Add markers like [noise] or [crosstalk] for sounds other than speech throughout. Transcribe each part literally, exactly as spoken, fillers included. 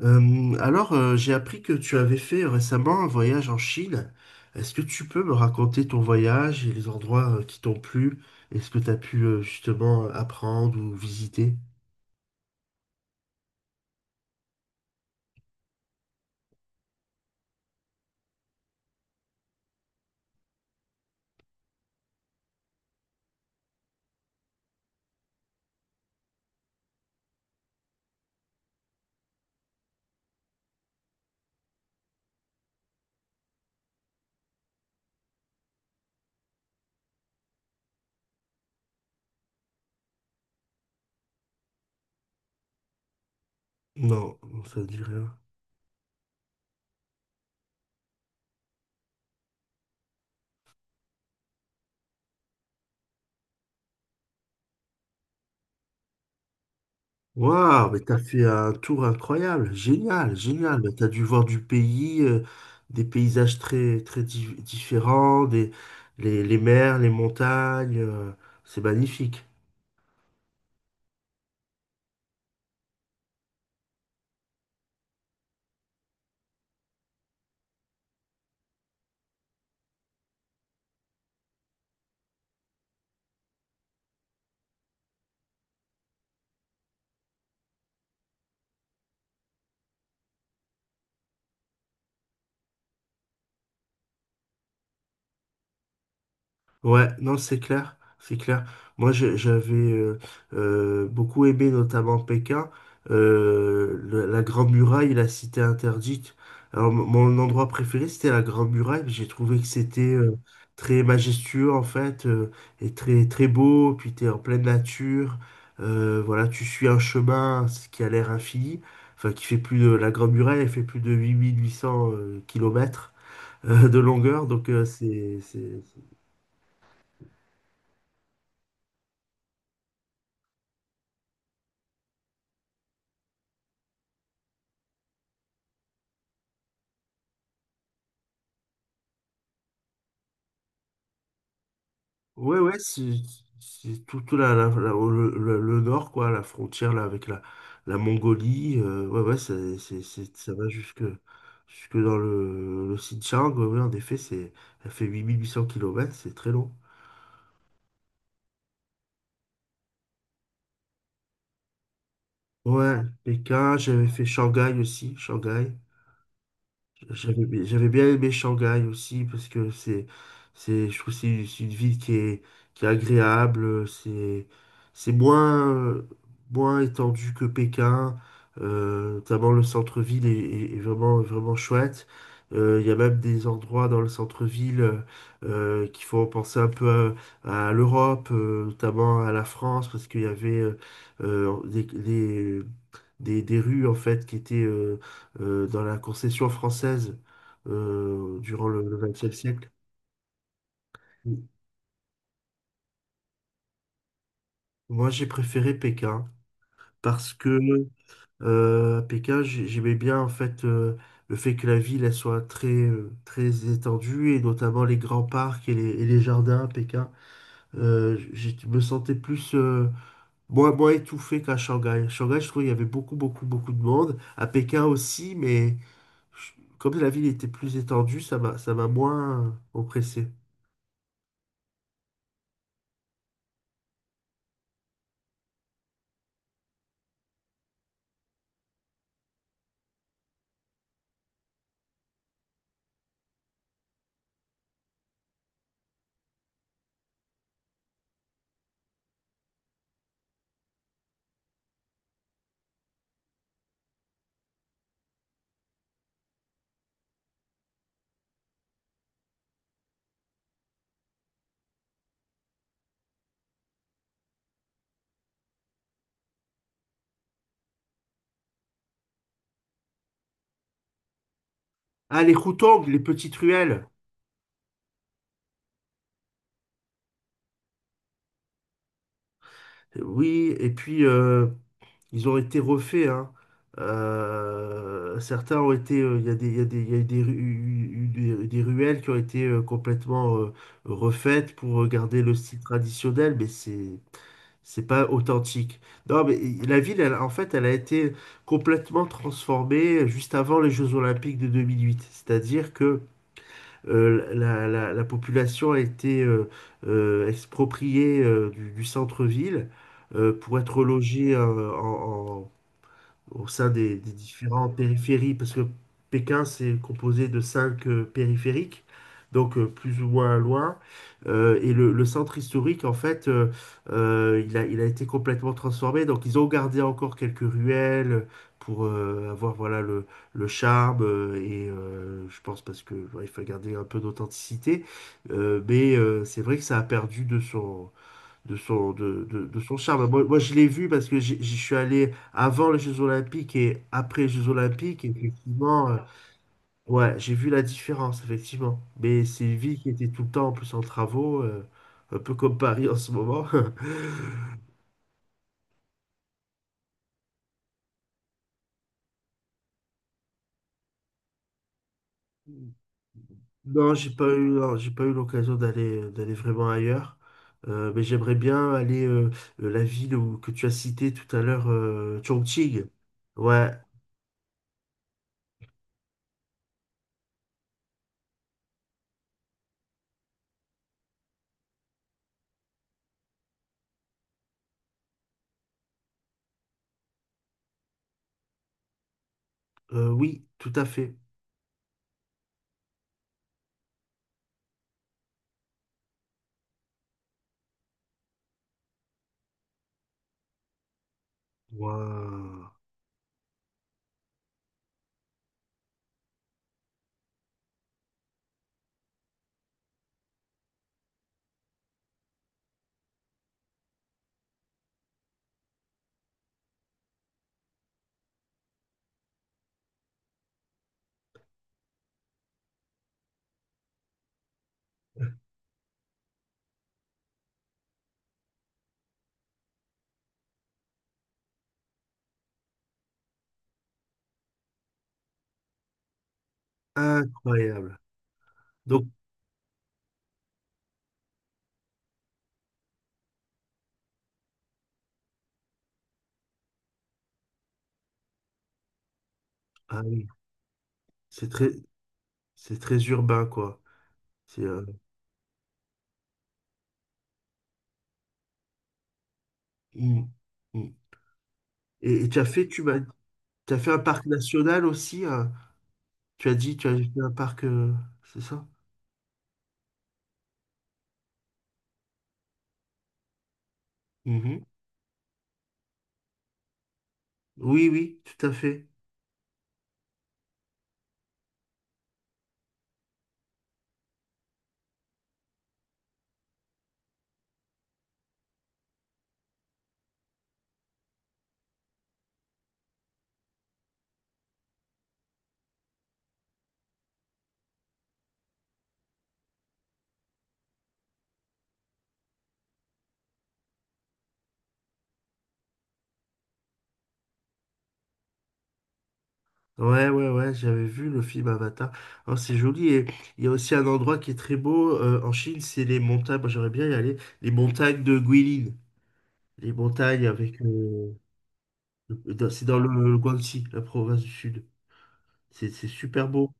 Euh, alors, euh, j'ai appris que tu avais fait récemment un voyage en Chine. Est-ce que tu peux me raconter ton voyage et les endroits euh, qui t'ont plu et ce que tu as pu euh, justement euh, apprendre ou visiter? Non, ça ne dit rien. Waouh, mais t'as fait un tour incroyable, génial, génial. Mais t'as dû voir du pays, euh, des paysages très très di- différents, des les, les mers, les montagnes, euh, c'est magnifique. Ouais, non, c'est clair, c'est clair. Moi, je- j'avais euh, euh, beaucoup aimé, notamment Pékin, euh, le- la Grande Muraille et la Cité Interdite. Alors, mon mon endroit préféré, c'était la Grande Muraille. J'ai trouvé que c'était euh, très majestueux, en fait, euh, et très, très beau. Puis, t'es en pleine nature. Euh, voilà, tu suis un chemin ce qui a l'air infini. Enfin, qui fait plus de, la Grande Muraille, elle fait plus de huit huit mille huit cents euh, kilomètres [laughs] euh, de longueur. Donc, euh, c'est, c'est, Ouais, ouais, c'est c'est tout, tout la, la- la- le, le- le nord, quoi, la frontière là, avec la, la Mongolie. euh, ouais, ouais, c'est, c'est, c'est- ça va jusque, jusque dans le, le Xinjiang. Ouais, ouais, en effet, c'est, elle fait huit mille huit cents kilomètres, c'est très long. Ouais, Pékin, j'avais fait Shanghai aussi, Shanghai. J'avais, j'avais bien aimé Shanghai aussi parce que c'est, c'est, je trouve que c'est c'est une ville qui est, qui est agréable, c'est, c'est moins, euh, moins étendu que Pékin, euh, notamment le centre-ville est, est- est vraiment, vraiment chouette. Euh, Il y a même des endroits dans le centre-ville euh, qui font penser un peu à, à l'Europe, euh, notamment à la France, parce qu'il y avait euh, euh, des, des, des, des rues en fait qui étaient euh, euh, dans la concession française euh, durant le, le vingtième siècle. Moi, j'ai préféré Pékin parce que euh, à Pékin, j'ai- j'aimais bien en fait euh, le fait que la ville elle soit très euh, très étendue et notamment les grands parcs et les, et les jardins à Pékin. Euh, j- je me sentais plus euh, moins moins étouffé qu'à Shanghai. À Shanghai, je trouvais il y avait beaucoup beaucoup beaucoup de monde. À Pékin aussi, mais je- comme la ville était plus étendue, ça m'a ça m'a moins oppressé. Ah, les Houtang, les petites ruelles. Oui, et puis euh, ils ont été refaits, hein. Euh, certains ont été. euh, Il y a des, il y a des, il y a eu des, ru- eu des- des ruelles qui ont été euh, complètement euh, refaites pour garder le style traditionnel, mais c'est c'est pas authentique. Non, mais la ville, elle, en fait, elle a été complètement transformée juste avant les Jeux Olympiques de deux mille huit. C'est-à-dire que euh, la, la- la population a été euh, euh, expropriée euh, du, du centre-ville euh, pour être logée euh, en, au sein des, des différentes périphéries, parce que Pékin, c'est composé de cinq euh, périphériques, donc euh, plus ou moins loin. Euh, et le, le centre historique, en fait, euh, euh, il a, il a été complètement transformé. Donc, ils ont gardé encore quelques ruelles pour euh, avoir voilà, le, le charme. Euh, et euh, je pense parce que ouais, il faut garder un peu d'authenticité. Euh, mais euh, c'est vrai que ça a perdu de son, de son, de, de- de son charme. Moi, moi, je l'ai vu parce que j'y j'y suis allé avant les Jeux Olympiques et après les Jeux Olympiques. Et effectivement, euh, ouais, j'ai vu la différence, effectivement. Mais c'est une ville qui était tout le temps en plus en travaux, euh, un peu comme Paris en ce moment. [laughs] Non, j'ai pas eu, non, j'ai pas eu l'occasion d'aller d'aller vraiment ailleurs. Euh, mais j'aimerais bien aller euh, euh, la ville où- que tu as citée tout à l'heure, euh, Chongqing. Ouais, euh, oui, tout à fait. Waouh. Incroyable. Donc, ah oui, c'est très, c'est très urbain, quoi. C'est, euh, mm, mm. Et, et tu as fait, tu m'as, tu as fait un parc national aussi, hein. Tu as dit, tu as fait un parc, euh, c'est ça? Mhm. Oui, oui, tout à fait. Ouais, ouais, ouais, j'avais vu le film Avatar. Oh, c'est joli. Et il y a aussi un endroit qui est très beau euh, en Chine, c'est les montagnes. Moi, j'aimerais bien y aller. Les montagnes de Guilin. Les montagnes avec. Euh, dans- C'est dans le, le Guangxi, la province du Sud. C'est c'est super beau.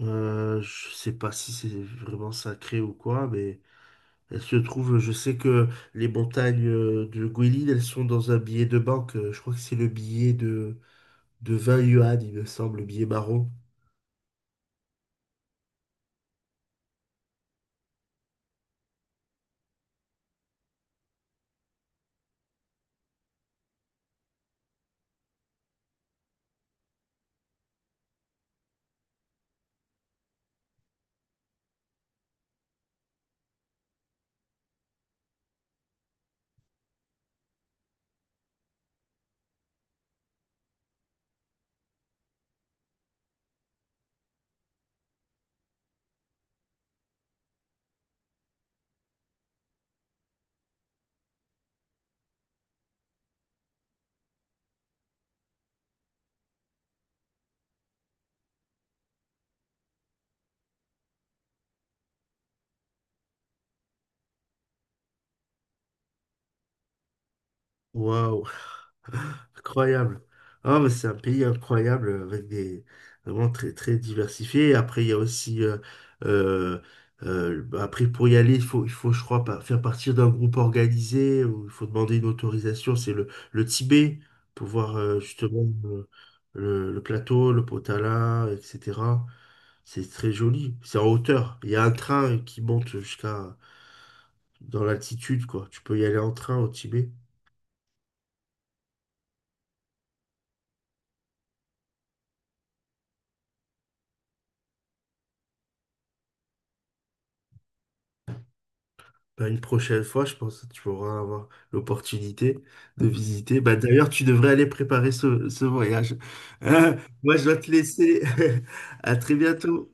Euh, je sais pas si c'est vraiment sacré ou quoi, mais elle se trouve, je sais que les montagnes euh, de Guilin, elles sont dans un billet de banque. Euh, Je crois que c'est le billet de, de vingt yuan, il me semble, le billet marron. Waouh! Incroyable. Ah, mais c'est un pays incroyable euh, avec des vraiment très très diversifié. Après, il y a aussi euh, euh, euh, bah, après pour y aller, il faut il faut je crois pas faire partie d'un groupe organisé où il faut demander une autorisation. C'est le le Tibet pour voir euh, justement euh, le, le plateau, le Potala, et cetera. C'est très joli. C'est en hauteur. Il y a un train qui monte jusqu'à dans l'altitude quoi. Tu peux y aller en train au Tibet. Bah, une prochaine fois, je pense que tu auras avoir l'opportunité de visiter. Bah, d'ailleurs, tu devrais aller préparer ce, ce voyage. [laughs] Moi, je dois te laisser. [laughs] À très bientôt.